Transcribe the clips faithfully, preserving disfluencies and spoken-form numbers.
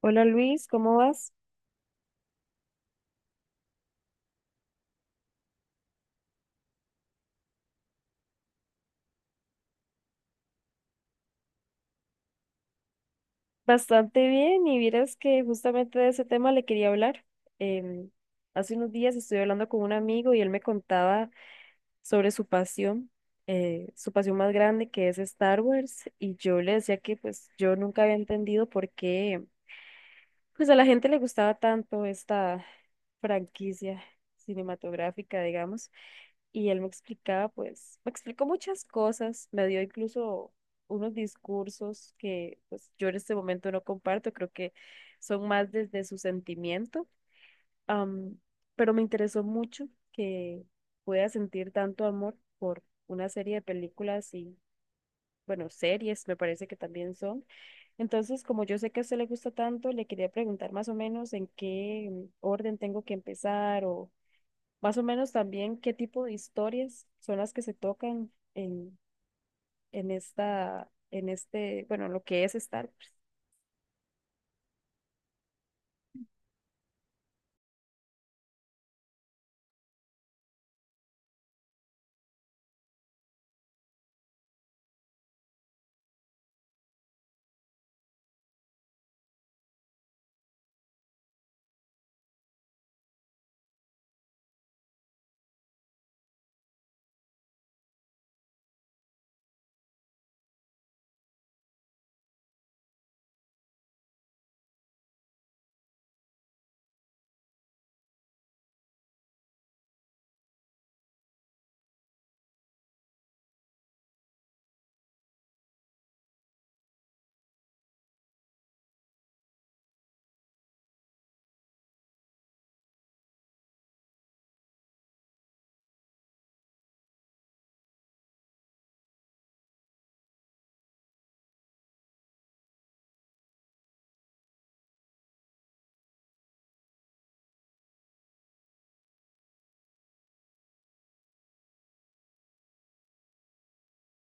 Hola Luis, ¿cómo vas? Bastante bien y vieras que justamente de ese tema le quería hablar. Em, Hace unos días estuve hablando con un amigo y él me contaba sobre su pasión, eh, su pasión más grande que es Star Wars, y yo le decía que pues yo nunca había entendido por qué pues a la gente le gustaba tanto esta franquicia cinematográfica, digamos. Y él me explicaba, pues, me explicó muchas cosas, me dio incluso unos discursos que pues yo en este momento no comparto. Creo que son más desde su sentimiento, am, pero me interesó mucho que pueda sentir tanto amor por una serie de películas y, bueno, series me parece que también son. Entonces, como yo sé que a usted le gusta tanto, le quería preguntar más o menos en qué orden tengo que empezar, o más o menos también qué tipo de historias son las que se tocan en, en esta, en este, bueno, lo que es Star Wars.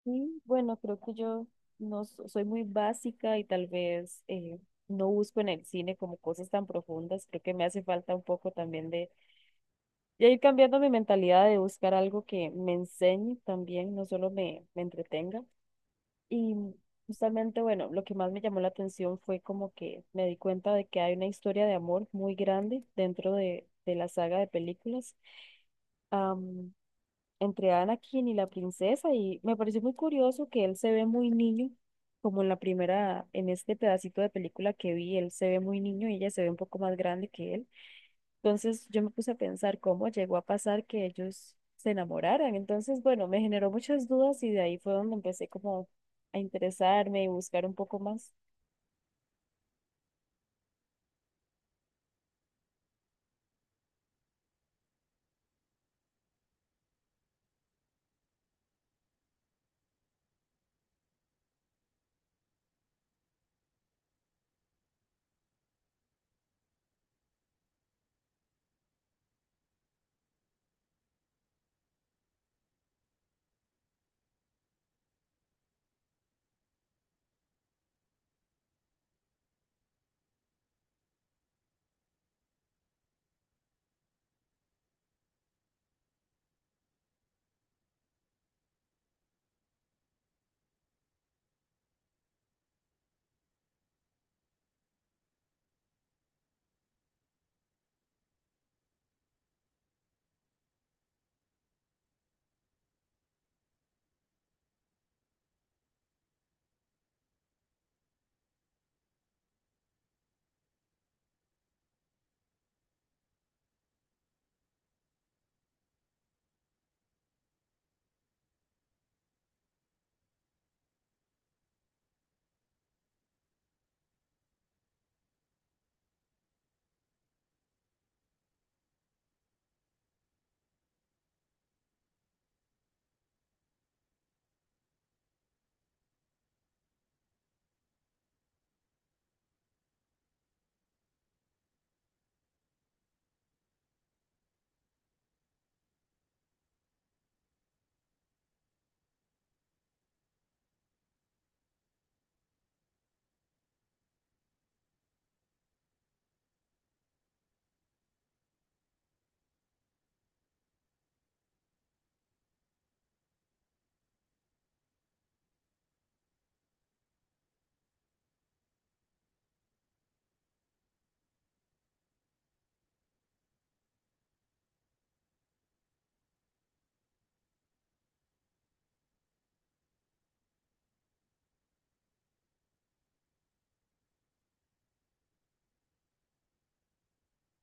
Y bueno, creo que yo no so- soy muy básica y tal vez eh, no busco en el cine como cosas tan profundas. Creo que me hace falta un poco también de, de ir cambiando mi mentalidad de buscar algo que me enseñe también, no solo me, me entretenga. Y justamente, bueno, lo que más me llamó la atención fue como que me di cuenta de que hay una historia de amor muy grande dentro de, de la saga de películas, am, entre Anakin y la princesa, y me pareció muy curioso que él se ve muy niño, como en la primera, en este pedacito de película que vi, él se ve muy niño y ella se ve un poco más grande que él. Entonces yo me puse a pensar cómo llegó a pasar que ellos se enamoraran. Entonces, bueno, me generó muchas dudas y de ahí fue donde empecé como a interesarme y buscar un poco más.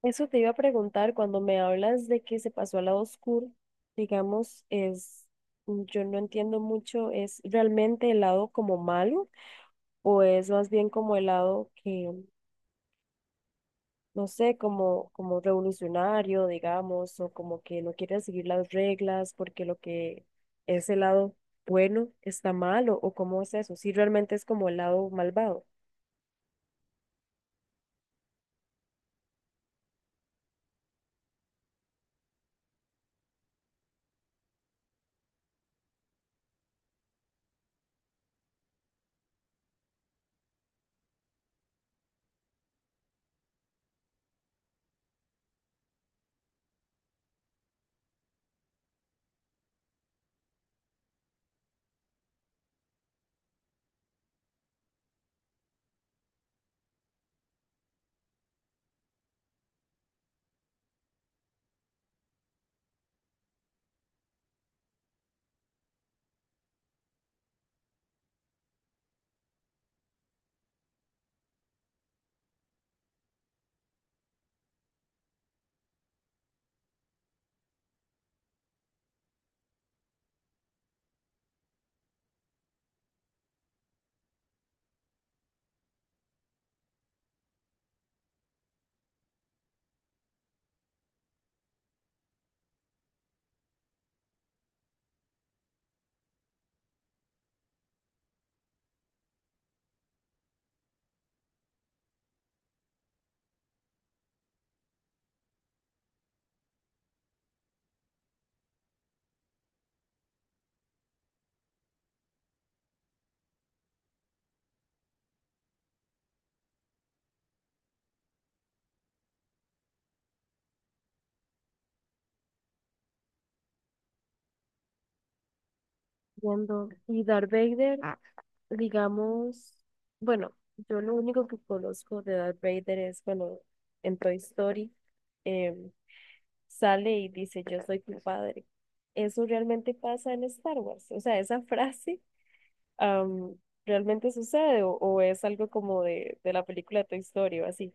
Eso te iba a preguntar cuando me hablas de que se pasó al lado oscuro, digamos, es, mm, yo no entiendo mucho. ¿Es realmente el lado como malo, o es más bien como el lado que, no sé, como, como revolucionario, digamos, o como que no quieren seguir las reglas porque lo que es el lado bueno está mal? ¿O, o cómo es eso, si realmente es como el lado malvado? Entiendo. Y Darth Vader, ah, digamos, bueno, yo lo único que conozco de Darth Vader es cuando en Toy Story em, sale y dice, "Yo soy tu padre". ¿Eso realmente pasa en Star Wars? O sea, esa frase, am, ¿realmente sucede, o, o es algo como de, de la película Toy Story o así?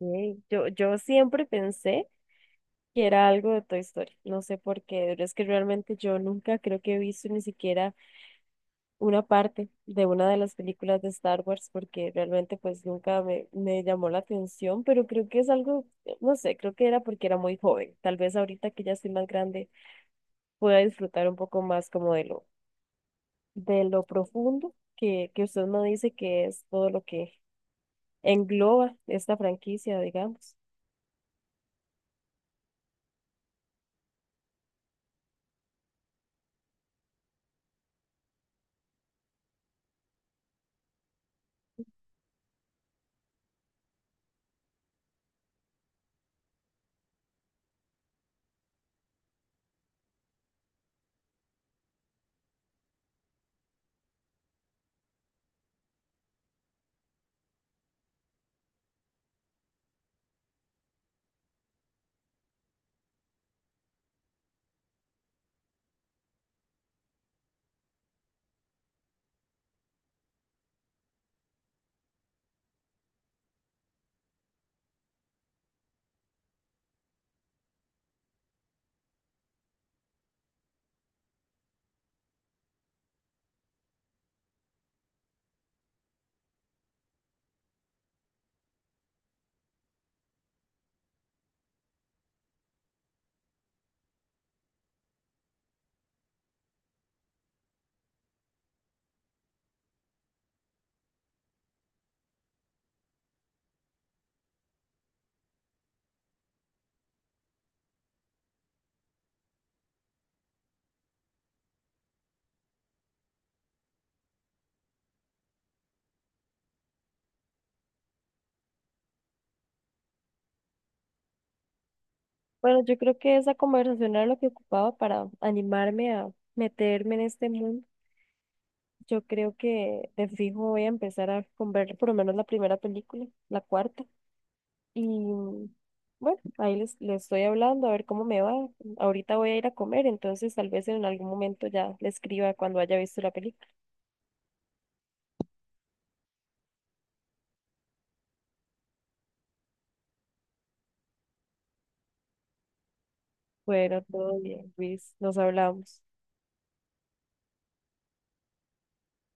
Ok. Yo, yo siempre pensé que era algo de Toy Story, no sé por qué, pero es que realmente yo nunca creo que he visto ni siquiera una parte de una de las películas de Star Wars porque realmente pues nunca me, me llamó la atención, pero creo que es algo, no sé, creo que era porque era muy joven. Tal vez ahorita que ya estoy más grande pueda disfrutar un poco más como de lo, de lo profundo que, que usted me dice que es todo lo que engloba esta franquicia, digamos. Bueno, yo creo que esa conversación era lo que ocupaba para animarme a meterme en este mundo. Yo creo que de fijo voy a empezar a con ver por lo menos la primera película, la cuarta. Y bueno, ahí les, les estoy hablando a ver cómo me va. Ahorita voy a ir a comer, entonces tal vez en algún momento ya le escriba cuando haya visto la película. Bueno, todo bien, Luis, nos hablamos.